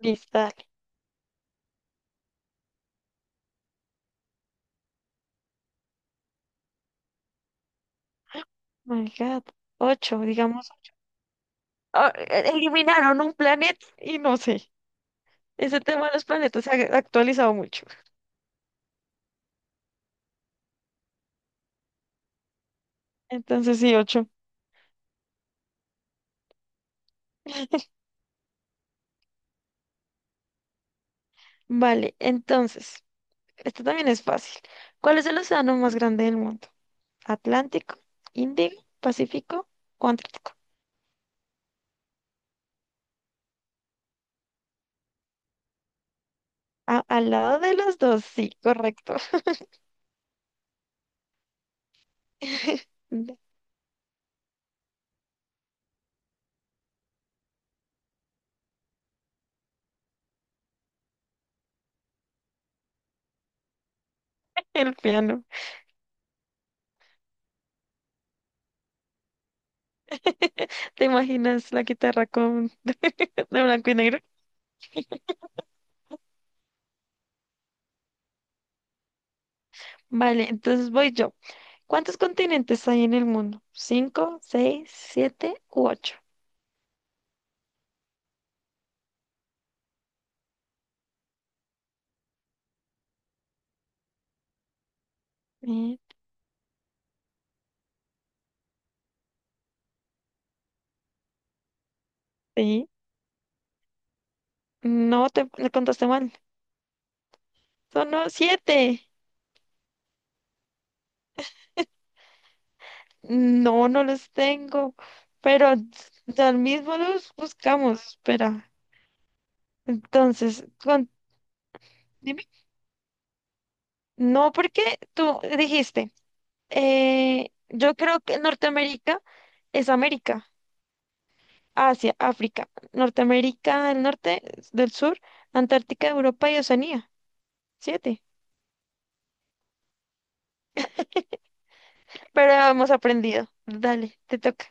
Cristal. Oh my God. Ocho, digamos. Eliminaron un planeta y no sé. Ese tema de los planetas se ha actualizado mucho. Entonces sí, ocho. Vale, entonces, esto también es fácil. ¿Cuál es el océano más grande del mundo? ¿Atlántico, Índico, Pacífico o Antártico? Al lado de los dos, sí, correcto. El piano. ¿Te imaginas la guitarra con de blanco y negro? Vale, entonces voy yo. ¿Cuántos continentes hay en el mundo? ¿Cinco, seis, siete u ocho? Eh, sí. No, le contaste mal. Son no, siete. No, no los tengo. Pero al mismo los buscamos. Espera. Entonces, dime. No, porque tú dijiste, yo creo que Norteamérica es América, Asia, África, Norteamérica del norte, del sur, Antártica, Europa y Oceanía. Siete. Pero hemos aprendido. Dale, te toca.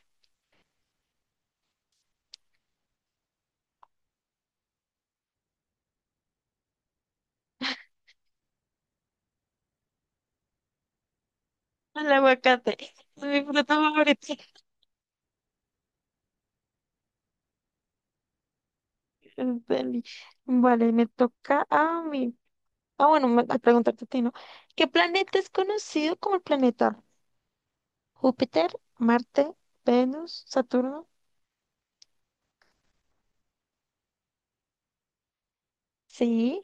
El aguacate. Es mi fruta favorita. Dale. Vale, me toca a mí. Ah, bueno, a preguntarte a ti, ¿no? ¿Qué planeta es conocido como el planeta? ¿Júpiter, Marte, Venus, Saturno? Sí,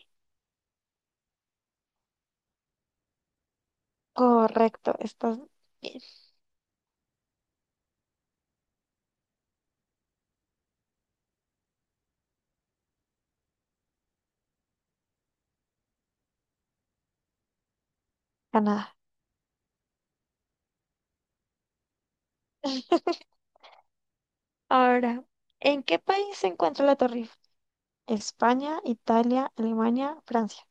correcto. Estás bien. Ganada. Ahora, ¿en qué país se encuentra la Torre Eiffel? España, Italia, Alemania, Francia.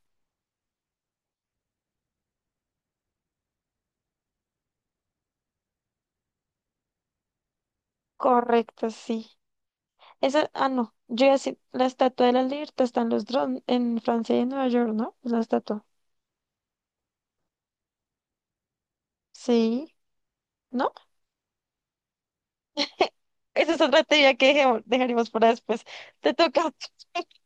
Correcto, sí. Esa, ah, no. Yo ya sé, la Estatua de la Libertad está en los drones, en Francia y en Nueva York, ¿no? Es la estatua. Sí, ¿no? Esa es otra teoría que dejaremos para después. Te toca.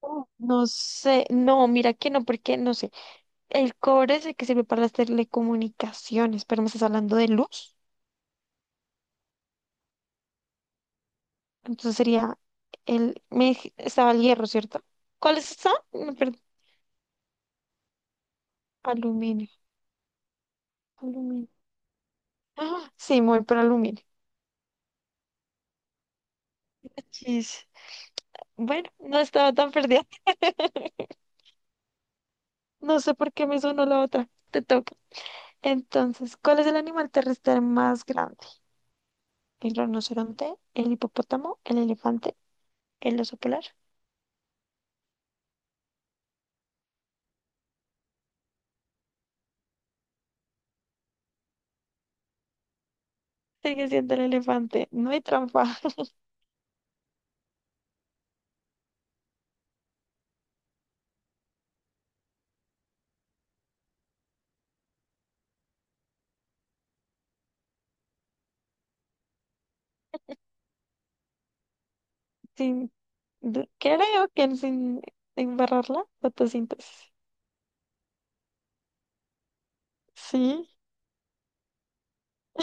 Oh, no sé, no, mira que no, porque no sé. El cobre es el que sirve para las telecomunicaciones, pero me estás hablando de luz. Entonces sería el. Estaba el hierro, ¿cierto? ¿Cuál es esa? Me perdí. Aluminio. Aluminio. Ah, sí, muy por aluminio. Chis. Bueno, no estaba tan perdida. No sé por qué me sonó la otra. Te toca. Entonces, ¿cuál es el animal terrestre más grande? ¿El rinoceronte? ¿El hipopótamo? ¿El elefante? ¿El oso polar? Sigue siendo el elefante. No hay trampa. Sin, du- Creo que sin embarrarla, fotosíntesis. Sí,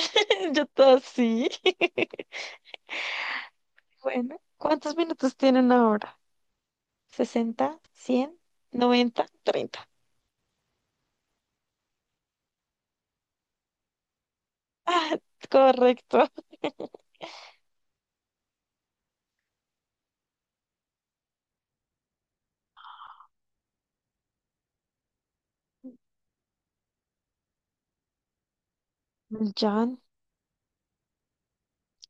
yo todo sí. Bueno, ¿cuántos minutos tienen ahora? ¿60, 100, 90, 30? Correcto. El Jan.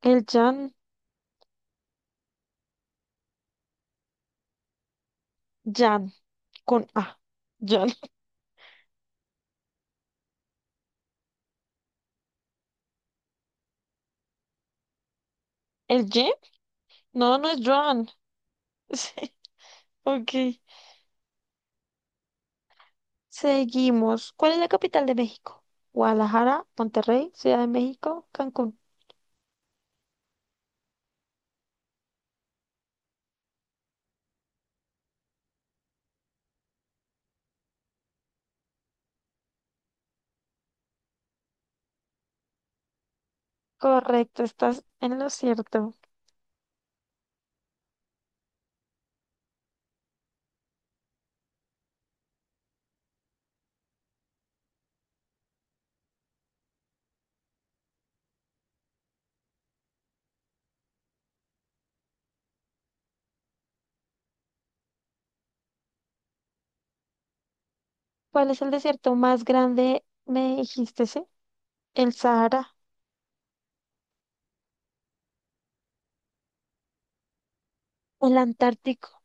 El Jan. Jan, con A. Jan. ¿El Y? No, no es Joan. Sí, ok. Seguimos. ¿Cuál es la capital de México? Guadalajara, Monterrey, Ciudad de México, Cancún. Correcto, estás en lo cierto. ¿Cuál es el desierto más grande? Me dijiste, ¿sí? El Sahara, el Antártico.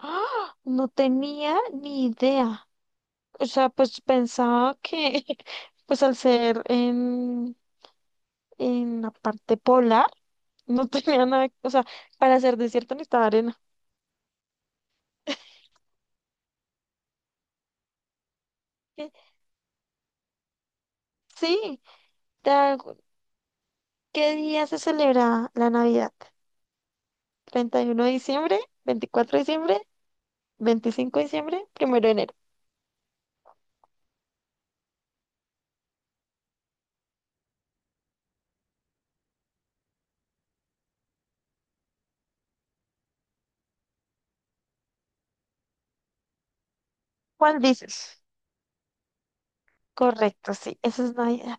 ¡Ah! No tenía ni idea. O sea, pues pensaba que, pues al ser en, la parte polar, no tenía nada, o sea, para hacer desierto necesitaba arena. Eh, Sí. te hago- ¿Qué día se celebra la Navidad? ¿31 de diciembre? ¿24 de diciembre? ¿25 de diciembre? ¿Primero de enero? ¿Cuál dices? Correcto, sí, eso es Navidad.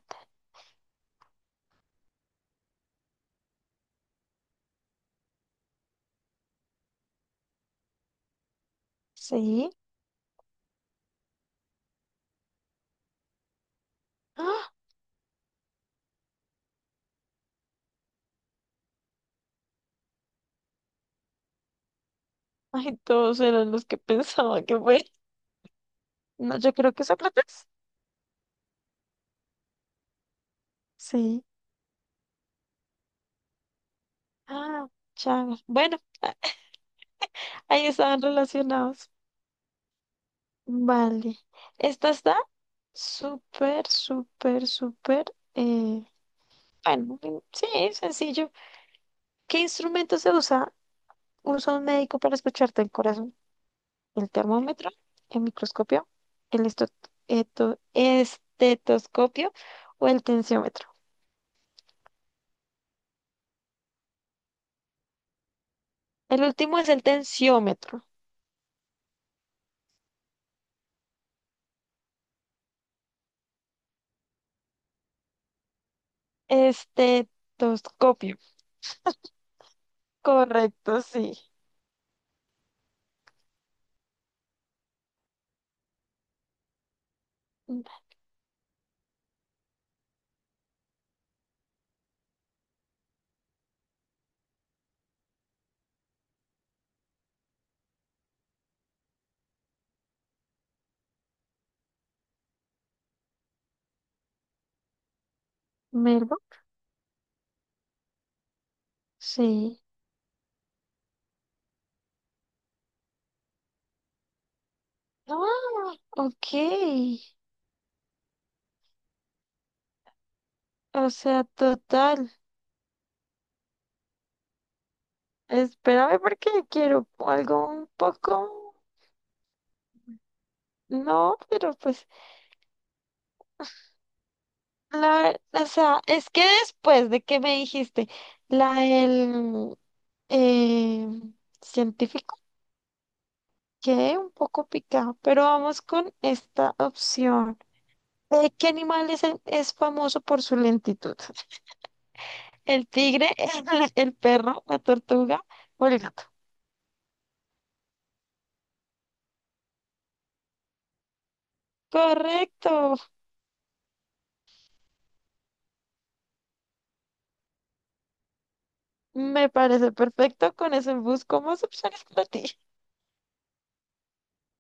Sí. ¡Ah! Ay, todos eran los que pensaba que fue. No, yo creo que Sócrates. Sí. Ah, Chagas. Bueno, ahí estaban relacionados. Vale. Esta está súper, súper, súper. eh, Bueno, mm, sí, sencillo. ¿Qué instrumento se usa? Usa un médico para escucharte el corazón. El termómetro, el microscopio, el estetoscopio o el tensiómetro. El último es el tensiómetro. Estetoscopio. Correcto, sí. ¿Melbourne? Sí. Ah, ok. O sea, total. Espérame porque quiero algo un poco. No, pero pues. O sea, es que después de que me dijiste la del eh, científico, quedé un poco picado, pero vamos con esta opción. ¿Qué animal es, es famoso por su lentitud? ¿El tigre, el perro, la tortuga o el gato? Correcto, me parece perfecto. Con eso busco más opciones para ti.